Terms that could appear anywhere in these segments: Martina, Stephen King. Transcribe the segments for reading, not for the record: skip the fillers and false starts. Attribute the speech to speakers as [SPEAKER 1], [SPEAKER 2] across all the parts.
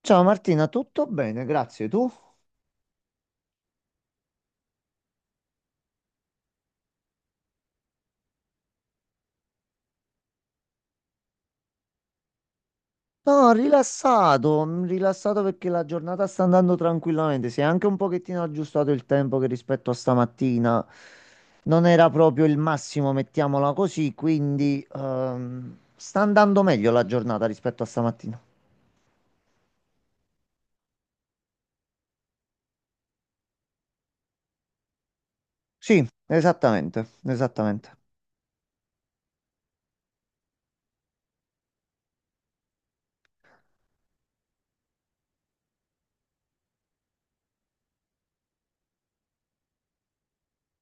[SPEAKER 1] Ciao Martina, tutto bene? Grazie. Tu? No, rilassato perché la giornata sta andando tranquillamente. Si è anche un pochettino aggiustato il tempo che rispetto a stamattina non era proprio il massimo, mettiamola così, quindi sta andando meglio la giornata rispetto a stamattina. Sì, esattamente, esattamente.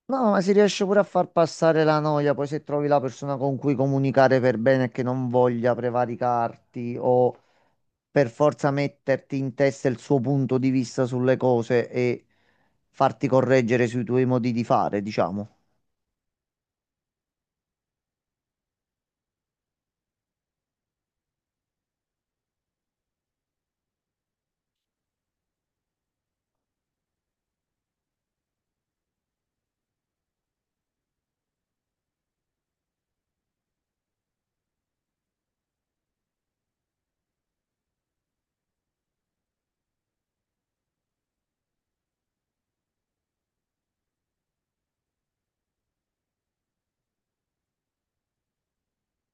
[SPEAKER 1] No, ma si riesce pure a far passare la noia, poi se trovi la persona con cui comunicare per bene e che non voglia prevaricarti o per forza metterti in testa il suo punto di vista sulle cose e farti correggere sui tuoi modi di fare, diciamo.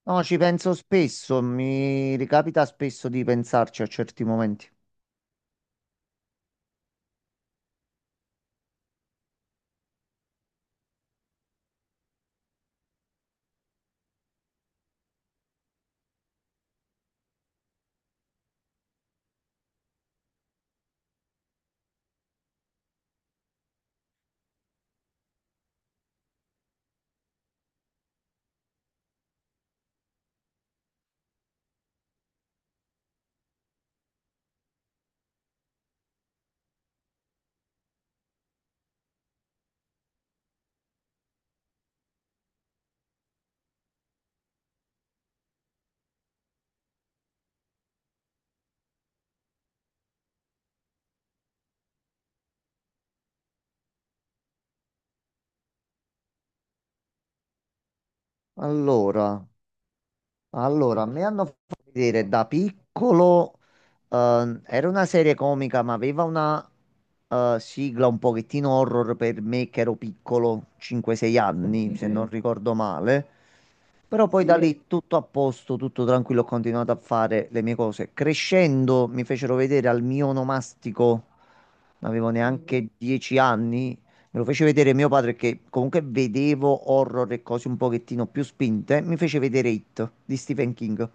[SPEAKER 1] No, ci penso spesso, mi ricapita spesso di pensarci a certi momenti. Allora, allora, mi hanno fatto vedere da piccolo, era una serie comica, ma aveva una sigla un pochettino horror per me che ero piccolo, 5-6 anni, se non ricordo male. Però poi da, sì, lì tutto a posto, tutto tranquillo, ho continuato a fare le mie cose. Crescendo mi fecero vedere al mio onomastico, non avevo, mhm, neanche 10 anni, me lo fece vedere mio padre che comunque vedevo horror e cose un pochettino più spinte, mi fece vedere It di Stephen King.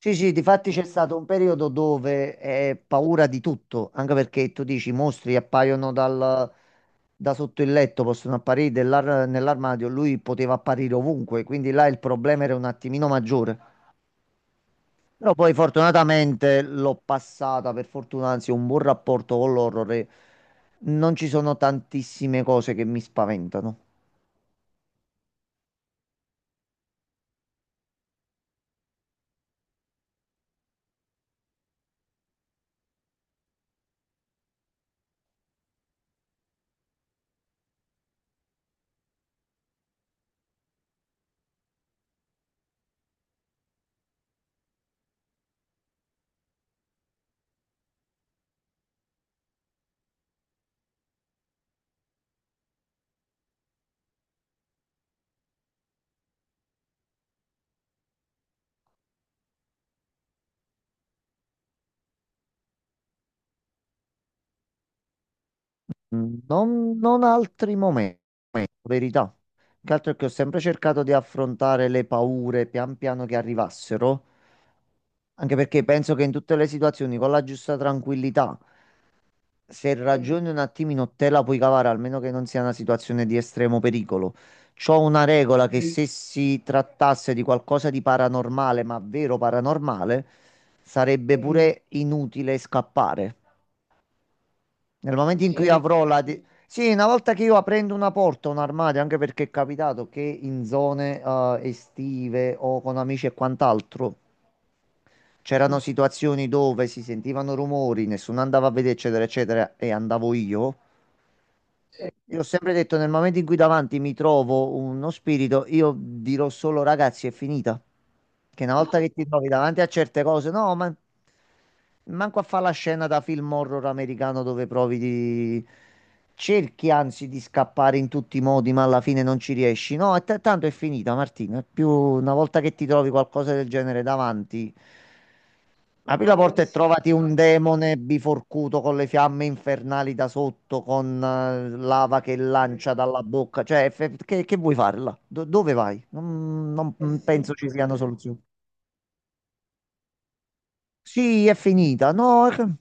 [SPEAKER 1] Sì, sì, difatti c'è stato un periodo dove è paura di tutto, anche perché tu dici i mostri appaiono da sotto il letto, possono apparire nell'armadio, lui poteva apparire ovunque, quindi là il problema era un attimino maggiore. Però poi fortunatamente l'ho passata, per fortuna, anzi, ho un buon rapporto con l'horror e non ci sono tantissime cose che mi spaventano. Non altri momenti. Verità. Che altro è che ho sempre cercato di affrontare le paure pian piano che arrivassero, anche perché penso che in tutte le situazioni, con la giusta tranquillità, se ragioni un attimino te la puoi cavare, almeno che non sia una situazione di estremo pericolo. C'ho una regola che se si trattasse di qualcosa di paranormale, ma vero paranormale, sarebbe pure inutile scappare. Nel momento in cui, sì, avrò la, sì, una volta che io aprendo una porta, un armadio, anche perché è capitato che in zone estive o con amici e quant'altro, c'erano situazioni dove si sentivano rumori, nessuno andava a vedere, eccetera, eccetera, e andavo io. Sì. Io ho sempre detto, nel momento in cui davanti mi trovo uno spirito, io dirò solo ragazzi, è finita. Che una volta che ti trovi davanti a certe cose, no, ma manco a fare la scena da film horror americano dove provi di... Cerchi anzi di scappare in tutti i modi, ma alla fine non ci riesci. No, è tanto è finita, Martina. È più una volta che ti trovi qualcosa del genere davanti. Apri la porta e, adesso, trovati un demone biforcuto con le fiamme infernali da sotto, con lava che lancia dalla bocca. Cioè, che vuoi farla? Dove vai? Non È penso ci siano finita soluzioni. Sì, è finita. No, è.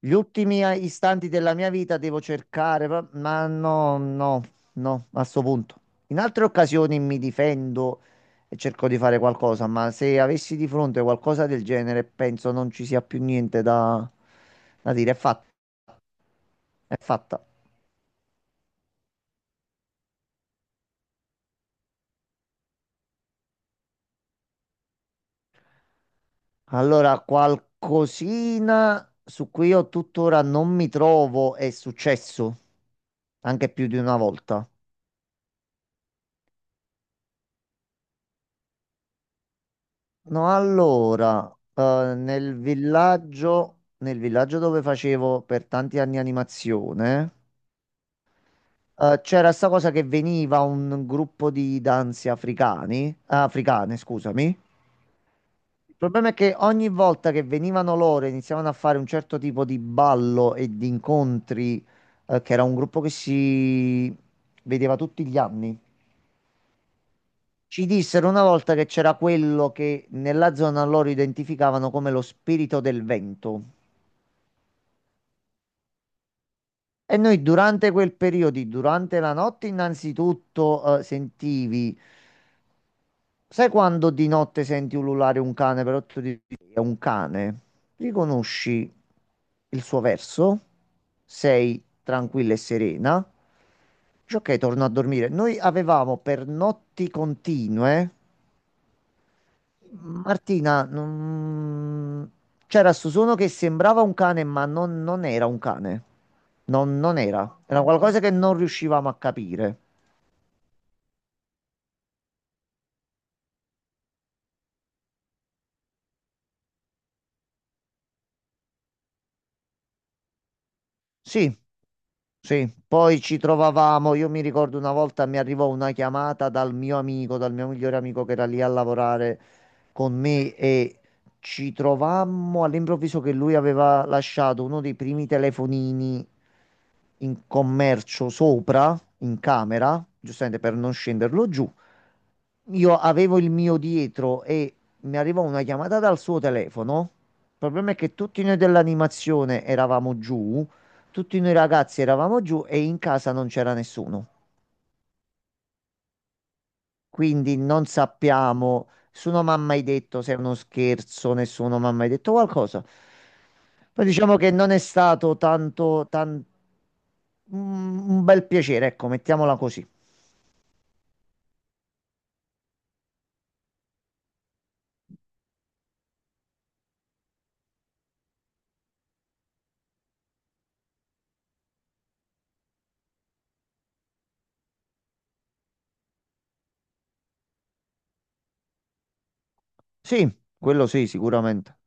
[SPEAKER 1] Gli ultimi istanti della mia vita devo cercare, ma no, no, no, a sto punto. In altre occasioni mi difendo e cerco di fare qualcosa, ma se avessi di fronte qualcosa del genere, penso non ci sia più niente da dire. È fatta, è fatta. Allora, qualcosina su cui io tuttora non mi trovo è successo, anche più di una volta. No, allora, nel villaggio dove facevo per tanti anni animazione, c'era sta cosa che veniva un gruppo di danze africani, africane, scusami. Il problema è che ogni volta che venivano loro e iniziavano a fare un certo tipo di ballo e di incontri, che era un gruppo che si vedeva tutti gli anni. Ci dissero una volta che c'era quello che nella zona loro identificavano come lo spirito del vento. E noi durante quel periodo, durante la notte, innanzitutto sentivi, sai quando di notte senti ululare un cane, però tu dici è un cane, riconosci il suo verso, sei tranquilla e serena, dici ok, torno a dormire. Noi avevamo per notti continue. Martina, c'era sto suono che sembrava un cane, ma non era un cane. Non era. Era qualcosa che non riuscivamo a capire. Sì, sì. Poi ci trovavamo. Io mi ricordo una volta mi arrivò una chiamata dal mio amico, dal mio migliore amico che era lì a lavorare con me e ci trovammo all'improvviso che lui aveva lasciato uno dei primi telefonini in commercio sopra, in camera, giustamente per non scenderlo giù. Io avevo il mio dietro e mi arrivò una chiamata dal suo telefono. Il problema è che tutti noi dell'animazione eravamo giù, tutti noi ragazzi eravamo giù e in casa non c'era nessuno. Quindi non sappiamo, nessuno mi ha mai detto se è uno scherzo, nessuno mi ha mai detto qualcosa. Poi diciamo che non è stato un bel piacere, ecco, mettiamola così. Sì, quello sì, sicuramente.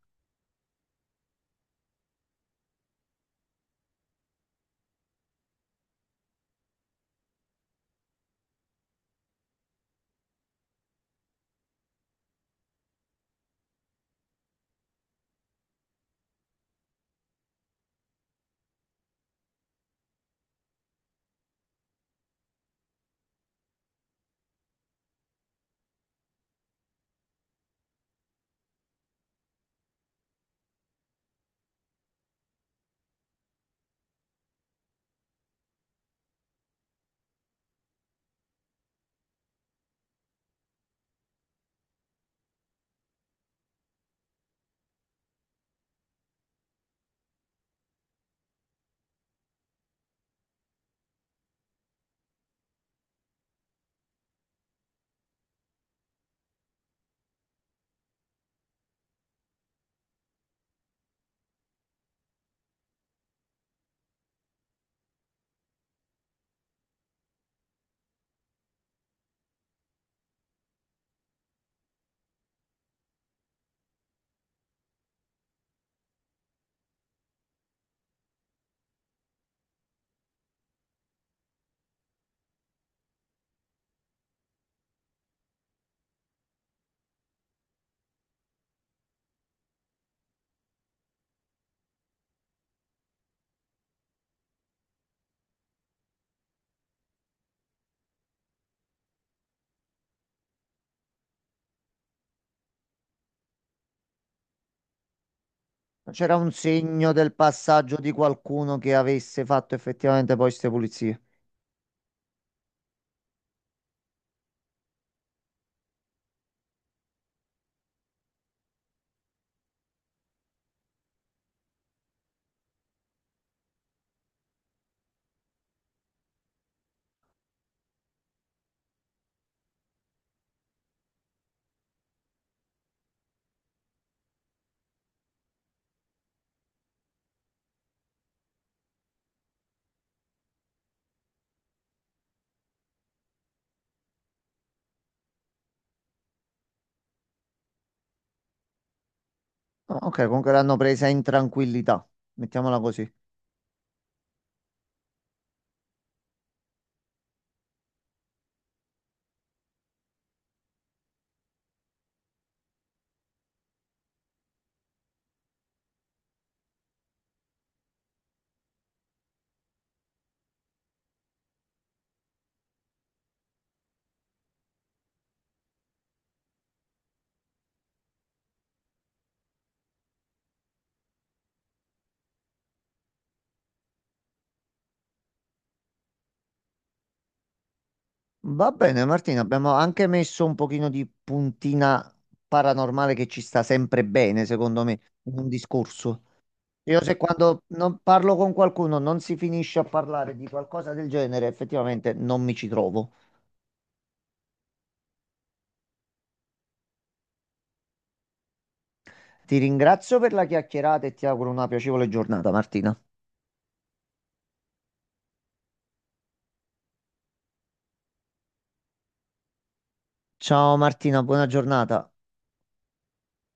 [SPEAKER 1] C'era un segno del passaggio di qualcuno che avesse fatto effettivamente poi queste pulizie. Ah, ok, comunque l'hanno presa in tranquillità, mettiamola così. Va bene, Martina, abbiamo anche messo un pochino di puntina paranormale che ci sta sempre bene, secondo me, in un discorso. Io se quando non parlo con qualcuno non si finisce a parlare di qualcosa del genere, effettivamente non mi ci trovo. Ti ringrazio per la chiacchierata e ti auguro una piacevole giornata, Martina. Ciao Martina, buona giornata.